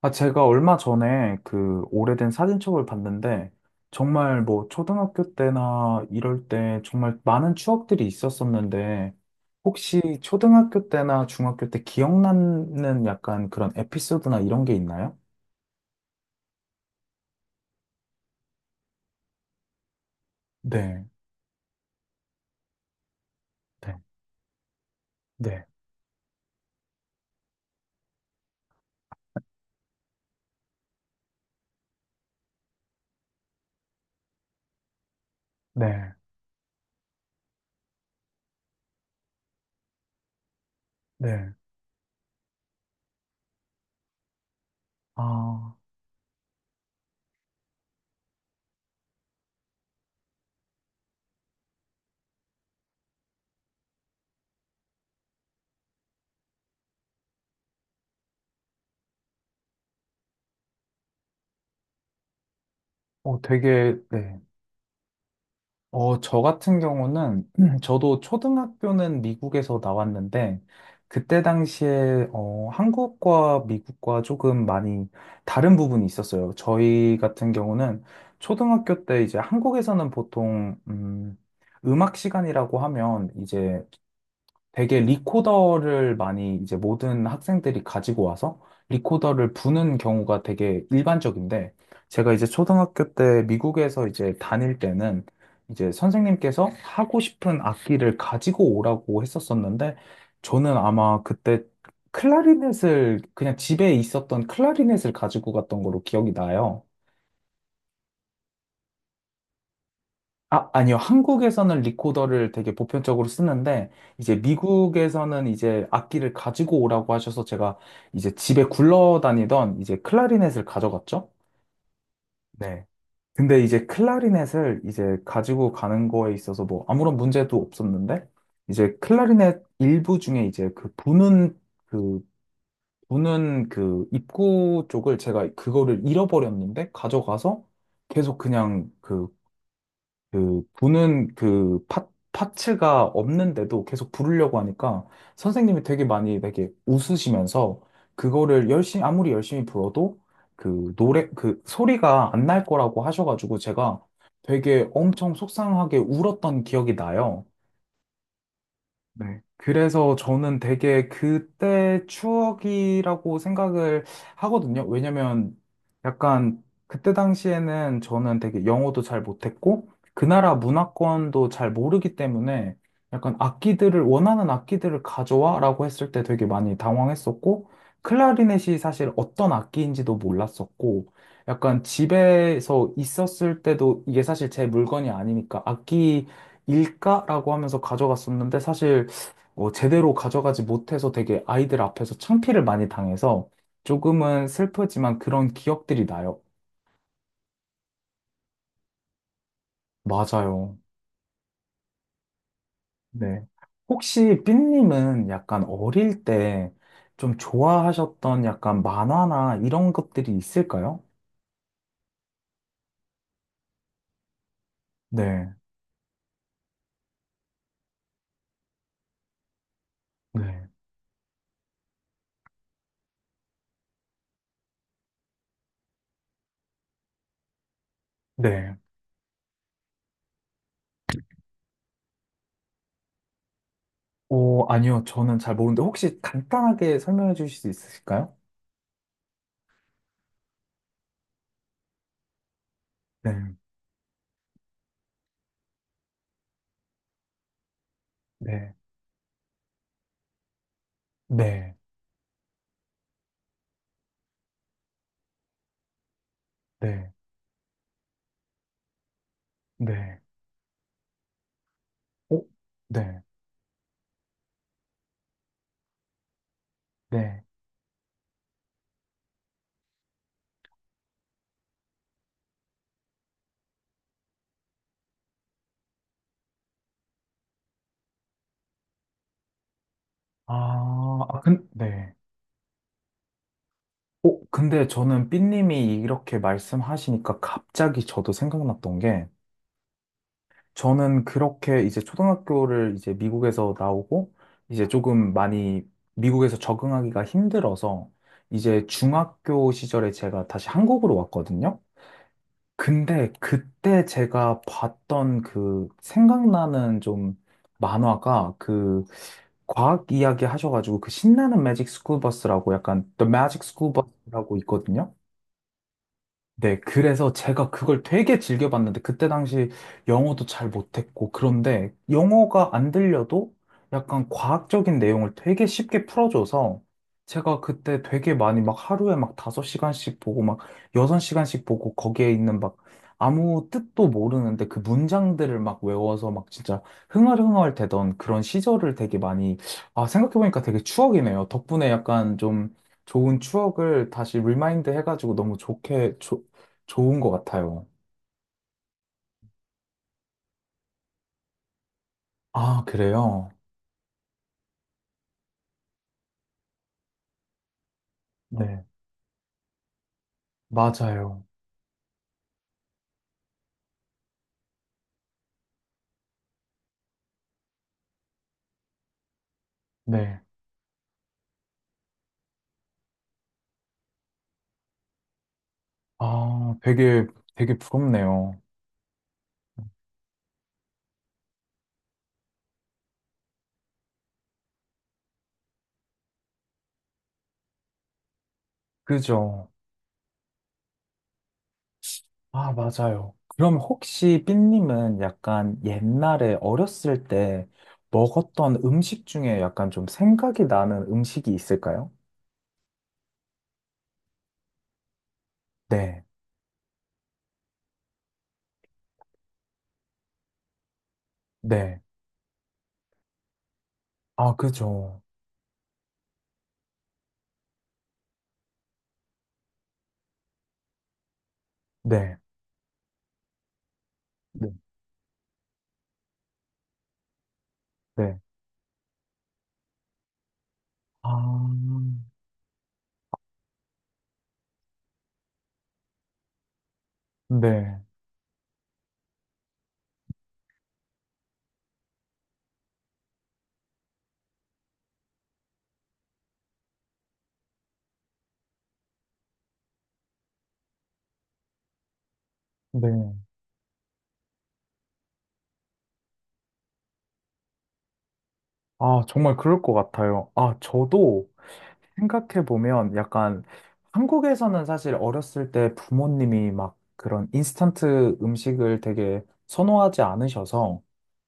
아, 제가 얼마 전에 그 오래된 사진첩을 봤는데, 정말 뭐 초등학교 때나 이럴 때 정말 많은 추억들이 있었었는데, 혹시 초등학교 때나 중학교 때 기억나는 약간 그런 에피소드나 이런 게 있나요? 네, 네, 네, 네, 네. 아, 어, 되게, 네. 저 같은 경우는, 저도 초등학교는 미국에서 나왔는데, 그때 당시에, 한국과 미국과 조금 많이 다른 부분이 있었어요. 저희 같은 경우는 초등학교 때 이제 한국에서는 보통, 음악 시간이라고 하면 이제 되게 리코더를 많이 이제 모든 학생들이 가지고 와서 리코더를 부는 경우가 되게 일반적인데 제가 이제 초등학교 때 미국에서 이제 다닐 때는 이제 선생님께서 하고 싶은 악기를 가지고 오라고 했었었는데 저는 아마 그때 클라리넷을 그냥 집에 있었던 클라리넷을 가지고 갔던 걸로 기억이 나요. 아, 아니요. 한국에서는 리코더를 되게 보편적으로 쓰는데, 이제 미국에서는 이제 악기를 가지고 오라고 하셔서 제가 이제 집에 굴러다니던 이제 클라리넷을 가져갔죠. 네. 근데 이제 클라리넷을 이제 가지고 가는 거에 있어서 뭐 아무런 문제도 없었는데, 이제 클라리넷 일부 중에 이제 그, 부는 그 입구 쪽을 제가 그거를 잃어버렸는데, 가져가서 계속 그냥 그 부는 그 파츠가 없는데도 계속 부르려고 하니까 선생님이 되게 많이 되게 웃으시면서 그거를 열심히 아무리 열심히 불어도 그 노래 그 소리가 안 날 거라고 하셔가지고 제가 되게 엄청 속상하게 울었던 기억이 나요. 네. 그래서 저는 되게 그때 추억이라고 생각을 하거든요. 왜냐면 약간 그때 당시에는 저는 되게 영어도 잘 못했고 그 나라 문화권도 잘 모르기 때문에 약간 악기들을 원하는 악기들을 가져와라고 했을 때 되게 많이 당황했었고 클라리넷이 사실 어떤 악기인지도 몰랐었고 약간 집에서 있었을 때도 이게 사실 제 물건이 아니니까 악기 일까라고 하면서 가져갔었는데 사실 제대로 가져가지 못해서 되게 아이들 앞에서 창피를 많이 당해서 조금은 슬프지만 그런 기억들이 나요. 맞아요. 네. 혹시 삐님은 약간 어릴 때 좀 좋아하셨던 약간 만화나 이런 것들이 있을까요? 네. 네. 네. 오, 아니요. 저는 잘 모르는데 혹시 간단하게 설명해 주실 수 있으실까요? 네. 네. 네. 네. 네. 오, 네. 네. 아, 아, 네. 근데 저는 삐님이 이렇게 말씀하시니까 갑자기 저도 생각났던 게, 저는 그렇게 이제 초등학교를 이제 미국에서 나오고, 이제 조금 많이 미국에서 적응하기가 힘들어서, 이제 중학교 시절에 제가 다시 한국으로 왔거든요. 근데 그때 제가 봤던 그 생각나는 좀 만화가 그 과학 이야기 하셔가지고 그 신나는 매직 스쿨 버스라고 약간 The Magic School Bus라고 있거든요. 네, 그래서 제가 그걸 되게 즐겨봤는데, 그때 당시 영어도 잘 못했고, 그런데 영어가 안 들려도 약간 과학적인 내용을 되게 쉽게 풀어줘서, 제가 그때 되게 많이 막 하루에 막섯시간씩 보고, 막섯시간씩 보고, 거기에 있는 막 아무 뜻도 모르는데 그 문장들을 막 외워서 막 진짜 흥얼흥얼 되던 그런 시절을 되게 많이, 아, 생각해보니까 되게 추억이네요. 덕분에 약간 좀 좋은 추억을 다시 리마인드 해가지고 너무 좋게, 좋은 것 같아요. 아, 그래요? 네, 맞아요. 네. 아, 되게 부럽네요. 그죠? 아, 맞아요. 그럼 혹시 삐님은 약간 옛날에 어렸을 때 먹었던 음식 중에 약간 좀 생각이 나는 음식이 있을까요? 네, 네. 아, 그죠. 네, 네, 네. 아, 네, 네. 아, 정말 그럴 것 같아요. 아, 저도 생각해보면 약간 한국에서는 사실 어렸을 때 부모님이 막 그런 인스턴트 음식을 되게 선호하지 않으셔서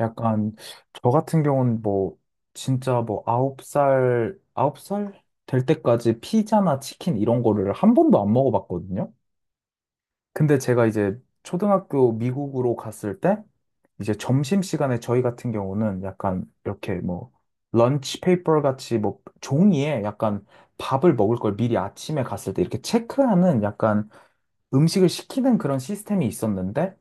약간 저 같은 경우는 뭐 진짜 뭐 아홉 살 될 때까지 피자나 치킨 이런 거를 한 번도 안 먹어봤거든요. 근데 제가 이제 초등학교 미국으로 갔을 때 이제 점심시간에 저희 같은 경우는 약간 이렇게 뭐 런치 페이퍼 같이 뭐 종이에 약간 밥을 먹을 걸 미리 아침에 갔을 때 이렇게 체크하는 약간 음식을 시키는 그런 시스템이 있었는데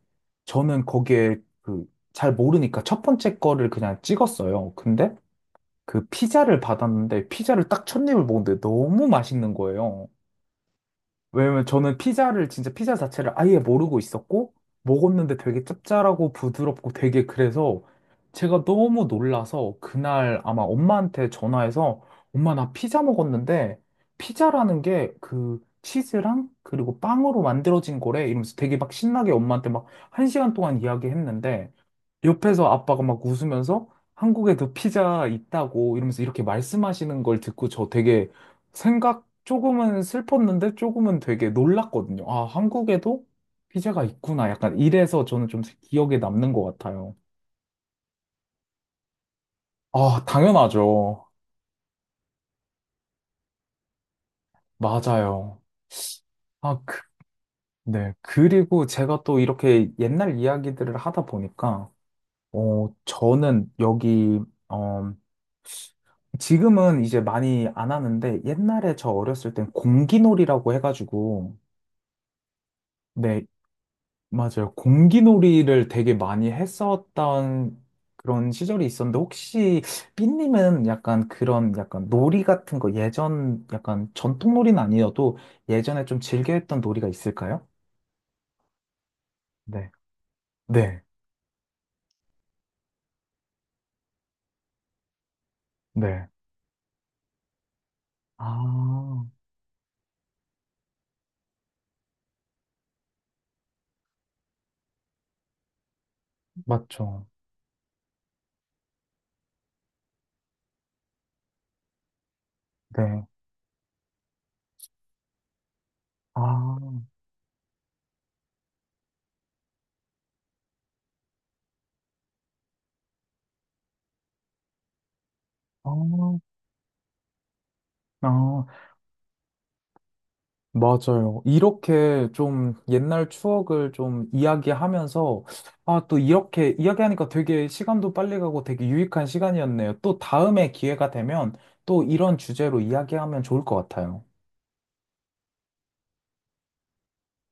저는 거기에 그 잘 모르니까 첫 번째 거를 그냥 찍었어요. 근데 그 피자를 받았는데 피자를 딱 첫 입을 먹는데 너무 맛있는 거예요. 왜냐면 저는 피자를 진짜 피자 자체를 아예 모르고 있었고 먹었는데 되게 짭짤하고 부드럽고 되게 그래서 제가 너무 놀라서 그날 아마 엄마한테 전화해서 엄마 나 피자 먹었는데 피자라는 게 그 치즈랑 그리고 빵으로 만들어진 거래 이러면서 되게 막 신나게 엄마한테 막 1시간 동안 이야기했는데 옆에서 아빠가 막 웃으면서 한국에도 피자 있다고 이러면서 이렇게 말씀하시는 걸 듣고 저 되게 생각 조금은 슬펐는데 조금은 되게 놀랐거든요. 아, 한국에도 피자가 있구나. 약간 이래서 저는 좀 기억에 남는 것 같아요. 아, 당연하죠. 맞아요. 아, 네. 그리고 제가 또 이렇게 옛날 이야기들을 하다 보니까, 저는 여기, 어, 지금은 이제 많이 안 하는데, 옛날에 저 어렸을 땐 공기놀이라고 해가지고, 네, 맞아요. 공기놀이를 되게 많이 했었던 그런 시절이 있었는데 혹시 삐님은 약간 그런 약간 놀이 같은 거 예전 약간 전통 놀이는 아니어도 예전에 좀 즐겨 했던 놀이가 있을까요? 네. 네. 네. 아, 맞죠. 네. 아, 아, 아. 맞아요. 이렇게 좀 옛날 추억을 좀 이야기하면서, 아, 또 이렇게 이야기하니까 되게 시간도 빨리 가고 되게 유익한 시간이었네요. 또 다음에 기회가 되면 또 이런 주제로 이야기하면 좋을 것 같아요.